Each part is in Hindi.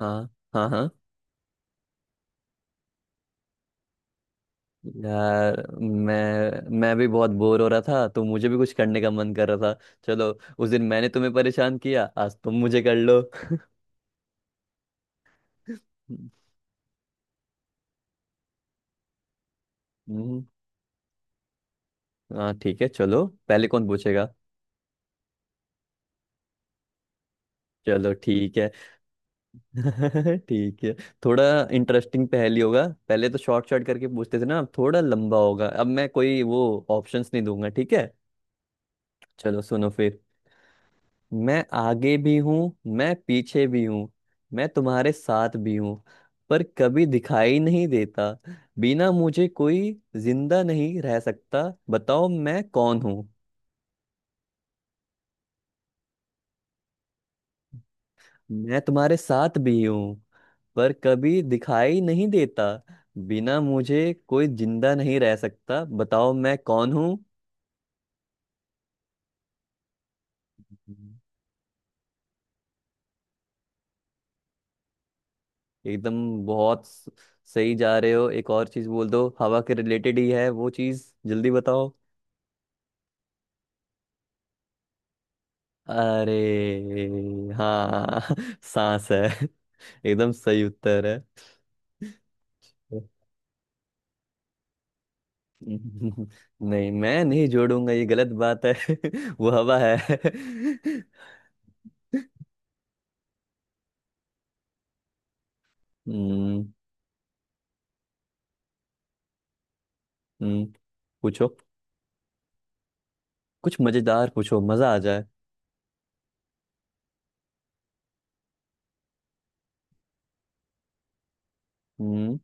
हाँ हाँ हाँ, यार, मैं मैं भी बहुत बोर हो रहा था, तो मुझे भी कुछ करने का मन कर रहा था। चलो, उस दिन मैंने तुम्हें परेशान किया, आज तुम मुझे कर लो। हम्म, हाँ ठीक है, चलो पहले कौन पूछेगा। चलो ठीक है। ठीक है, थोड़ा इंटरेस्टिंग पहेली होगा। पहले तो शॉर्ट शॉर्ट करके पूछते थे ना, अब थोड़ा लंबा होगा। अब मैं कोई वो ऑप्शंस नहीं दूंगा, ठीक है। चलो सुनो फिर। मैं आगे भी हूँ, मैं पीछे भी हूँ, मैं तुम्हारे साथ भी हूँ, पर कभी दिखाई नहीं देता। बिना मुझे कोई जिंदा नहीं रह सकता। बताओ मैं कौन हूँ। मैं तुम्हारे साथ भी हूँ, पर कभी दिखाई नहीं देता। बिना मुझे कोई जिंदा नहीं रह सकता। बताओ मैं कौन हूँ। हम्म। एकदम, बहुत सही जा रहे हो, एक और चीज बोल दो, हवा के रिलेटेड ही है वो चीज, जल्दी बताओ। अरे हाँ सांस है, एकदम सही उत्तर है। नहीं मैं नहीं जोड़ूंगा, ये गलत बात है। वो हवा है। हम्म हम्म, पूछो, कुछ मजेदार पूछो, मजा आ जाए। हम्म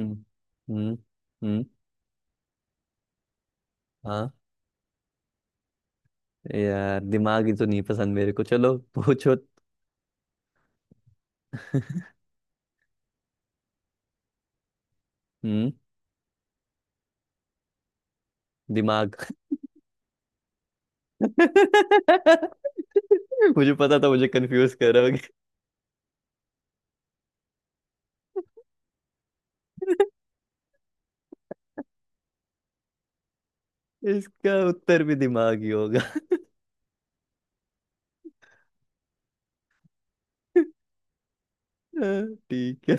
हम्म हम्म हम्म, हाँ, यार दिमाग ही तो नहीं पसंद मेरे को, चलो पूछो। हम्म, दिमाग। मुझे पता था मुझे कंफ्यूज करोगे। इसका उत्तर भी दिमाग ही होगा। हाँ, ठीक है,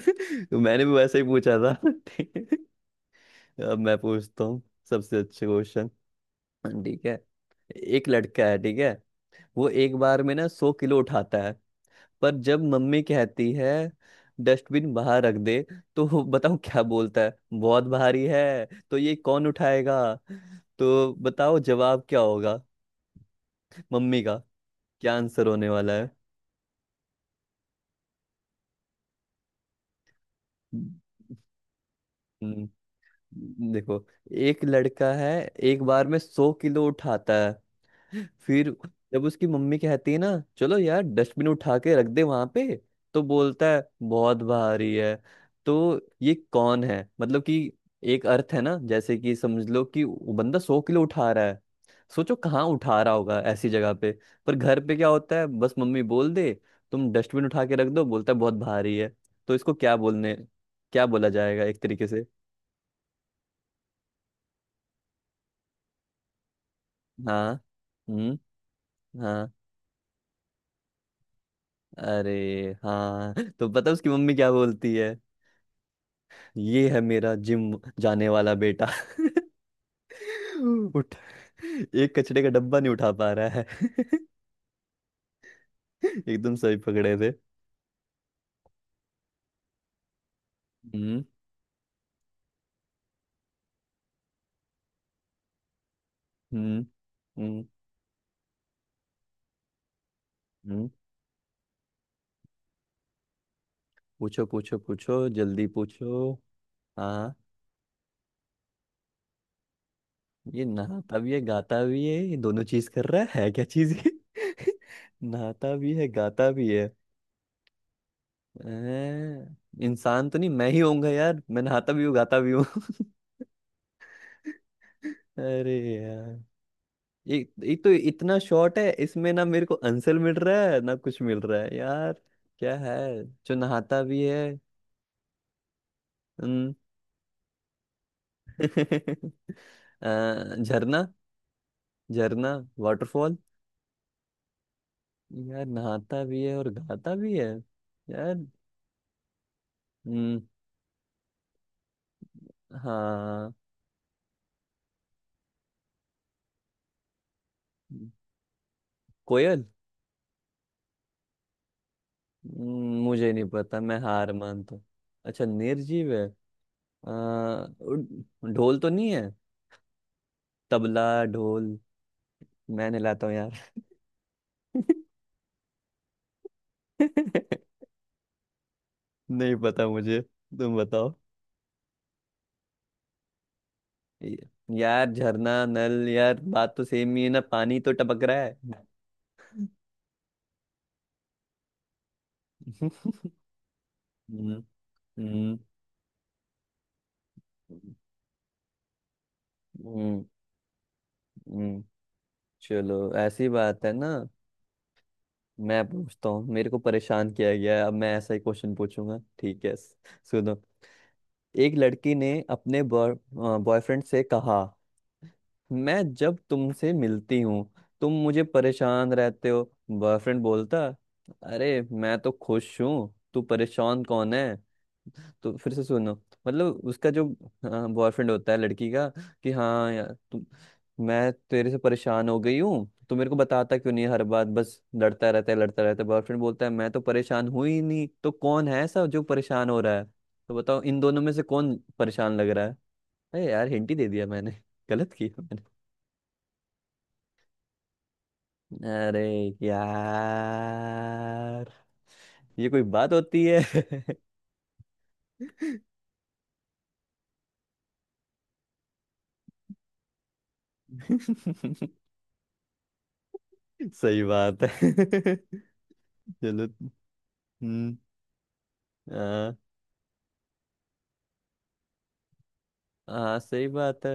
तो मैंने भी वैसे ही पूछा था। ठीक है। अब मैं पूछता हूँ सबसे अच्छे क्वेश्चन। ठीक है। एक लड़का है, ठीक है, वो एक बार में ना 100 किलो उठाता है, पर जब मम्मी कहती है डस्टबिन बाहर रख दे, तो वो बताओ क्या बोलता है, बहुत भारी है, तो ये कौन उठाएगा। तो बताओ जवाब क्या होगा मम्मी का। क्या आंसर होने वाला है। हम्म। देखो, एक लड़का है, एक बार में 100 किलो उठाता है, फिर जब उसकी मम्मी कहती है ना, चलो यार डस्टबिन उठा के रख दे वहां पे, तो बोलता है बहुत भारी है। तो ये कौन है, मतलब कि एक अर्थ है ना, जैसे कि समझ लो कि वो बंदा 100 किलो उठा रहा है, सोचो कहाँ उठा रहा होगा, ऐसी जगह पे। पर घर पे क्या होता है, बस मम्मी बोल दे तुम डस्टबिन उठा के रख दो, बोलता है बहुत भारी है। तो इसको क्या बोलने, क्या बोला जाएगा एक तरीके से। हाँ, हम्म, हाँ। अरे हाँ तो पता उसकी मम्मी क्या बोलती है, ये है मेरा जिम जाने वाला बेटा। उठ, एक कचरे का डब्बा नहीं उठा पा रहा है। एकदम सही पकड़े थे। हम्म हम्म हम्म हम्म, पूछो पूछो पूछो, जल्दी पूछो। हाँ, ये नहाता भी है गाता भी है, ये दोनों चीज कर रहा है क्या चीज ये। नहाता भी है गाता भी है। हैं? इंसान तो नहीं, मैं ही होऊंगा यार, मैं नहाता भी हूँ गाता भी हूँ। अरे यार, ये ये तो इतना शॉर्ट है, इसमें ना मेरे को आंसर मिल रहा है ना कुछ मिल रहा है यार। क्या है जो नहाता भी है। हम्म, झरना, झरना, वाटरफॉल। यार नहाता भी है और गाता भी है, यार। हम्म, हाँ, कोयल। मुझे नहीं पता, मैं हार मानता हूँ। अच्छा, निर्जीव है। अ, ढोल तो नहीं है। तबला, ढोल, मैं नहलाता हूँ यार। नहीं पता मुझे, तुम बताओ। ये- यार झरना नल, यार बात तो सेम ही है ना, पानी तो टपक रहा है। हम्म हम्म हम्म, हम्म, चलो ऐसी बात है ना। मैं पूछता हूँ, मेरे को परेशान किया गया है, अब मैं ऐसा ही क्वेश्चन पूछूंगा, ठीक है सुनो। एक लड़की ने अपने बॉयफ्रेंड से कहा, मैं जब तुमसे मिलती हूँ तुम मुझे परेशान रहते हो। बॉयफ्रेंड बोलता, अरे मैं तो खुश हूँ, तू परेशान कौन है। तो फिर से सुनो। मतलब उसका जो बॉयफ्रेंड होता है लड़की का, कि हाँ यार तुम, मैं तेरे से परेशान हो गई हूँ, तो मेरे को बताता क्यों नहीं है, हर बात बस लड़ता रहता है लड़ता रहता है। बॉयफ्रेंड बोलता है मैं तो परेशान हुई ही नहीं, तो कौन है ऐसा जो परेशान हो रहा है। तो बताओ इन दोनों में से कौन परेशान लग रहा है। अरे यार हिंट ही दे दिया मैंने, गलत किया मैंने। अरे यार, ये कोई बात होती है। सही बात है। चलो, हम्म, हाँ हाँ सही बात है।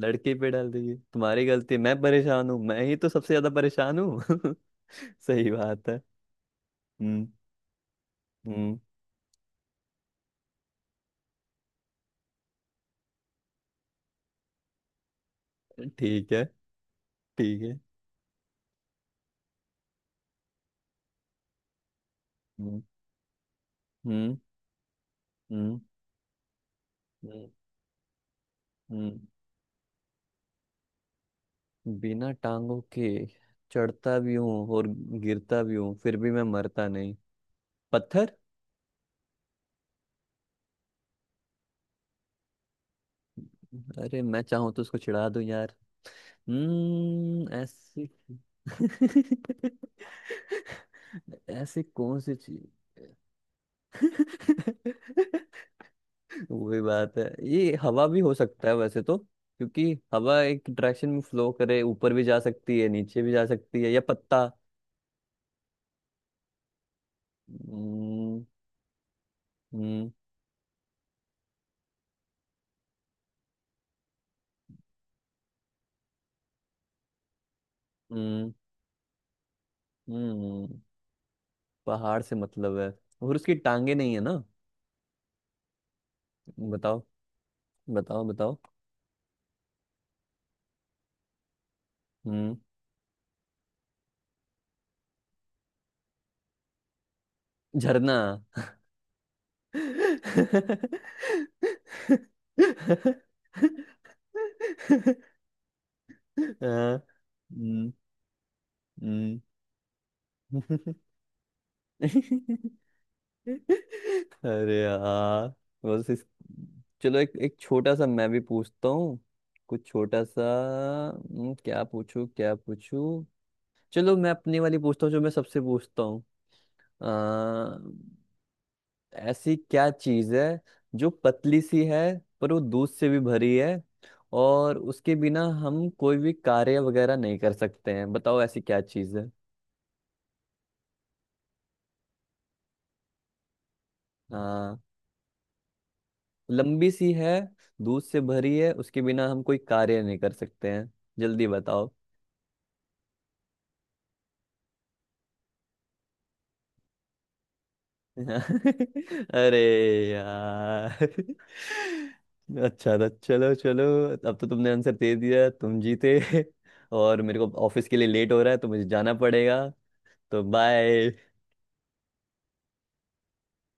लड़की पे डाल दीजिए तुम्हारी गलती, मैं परेशान हूँ, मैं ही तो सबसे ज्यादा परेशान हूँ। सही बात है। हम्म हम्म, ठीक है, ठीक है, हम्म हम्म हम्म हम्म हम्म। बिना टांगों के चढ़ता भी हूँ और गिरता भी हूँ, फिर भी मैं मरता नहीं। पत्थर। अरे मैं चाहूँ तो उसको चिढ़ा दूं यार। हम्म, ऐसी। ऐसी कौन सी चीज। वही बात है, ये हवा भी हो सकता है वैसे तो, क्योंकि हवा एक डायरेक्शन में फ्लो करे, ऊपर भी जा सकती है नीचे भी जा सकती है, या पत्ता। हम्म हम्म हम्म हम्म, पहाड़ से मतलब है, और उसकी टांगे नहीं है ना। बताओ बताओ बताओ। हम्म, झरना। हाँ, हम्म हम्म। अरे यार, बस इस, चलो एक एक छोटा सा मैं भी पूछता हूँ, कुछ छोटा सा। क्या पूछूं क्या पूछूं, चलो मैं अपनी वाली पूछता हूँ जो मैं सबसे पूछता हूँ। अ, ऐसी क्या चीज़ है जो पतली सी है, पर वो दूध से भी भरी है, और उसके बिना हम कोई भी कार्य वगैरह नहीं कर सकते हैं, बताओ ऐसी क्या चीज़ है, लंबी सी है, दूध से भरी है, उसके बिना हम कोई कार्य नहीं कर सकते हैं, जल्दी बताओ। अरे यार, अच्छा था, चलो चलो, अब तो तुमने आंसर दे दिया, तुम जीते। और मेरे को ऑफिस के लिए लेट हो रहा है, तो मुझे जाना पड़ेगा, तो बाय।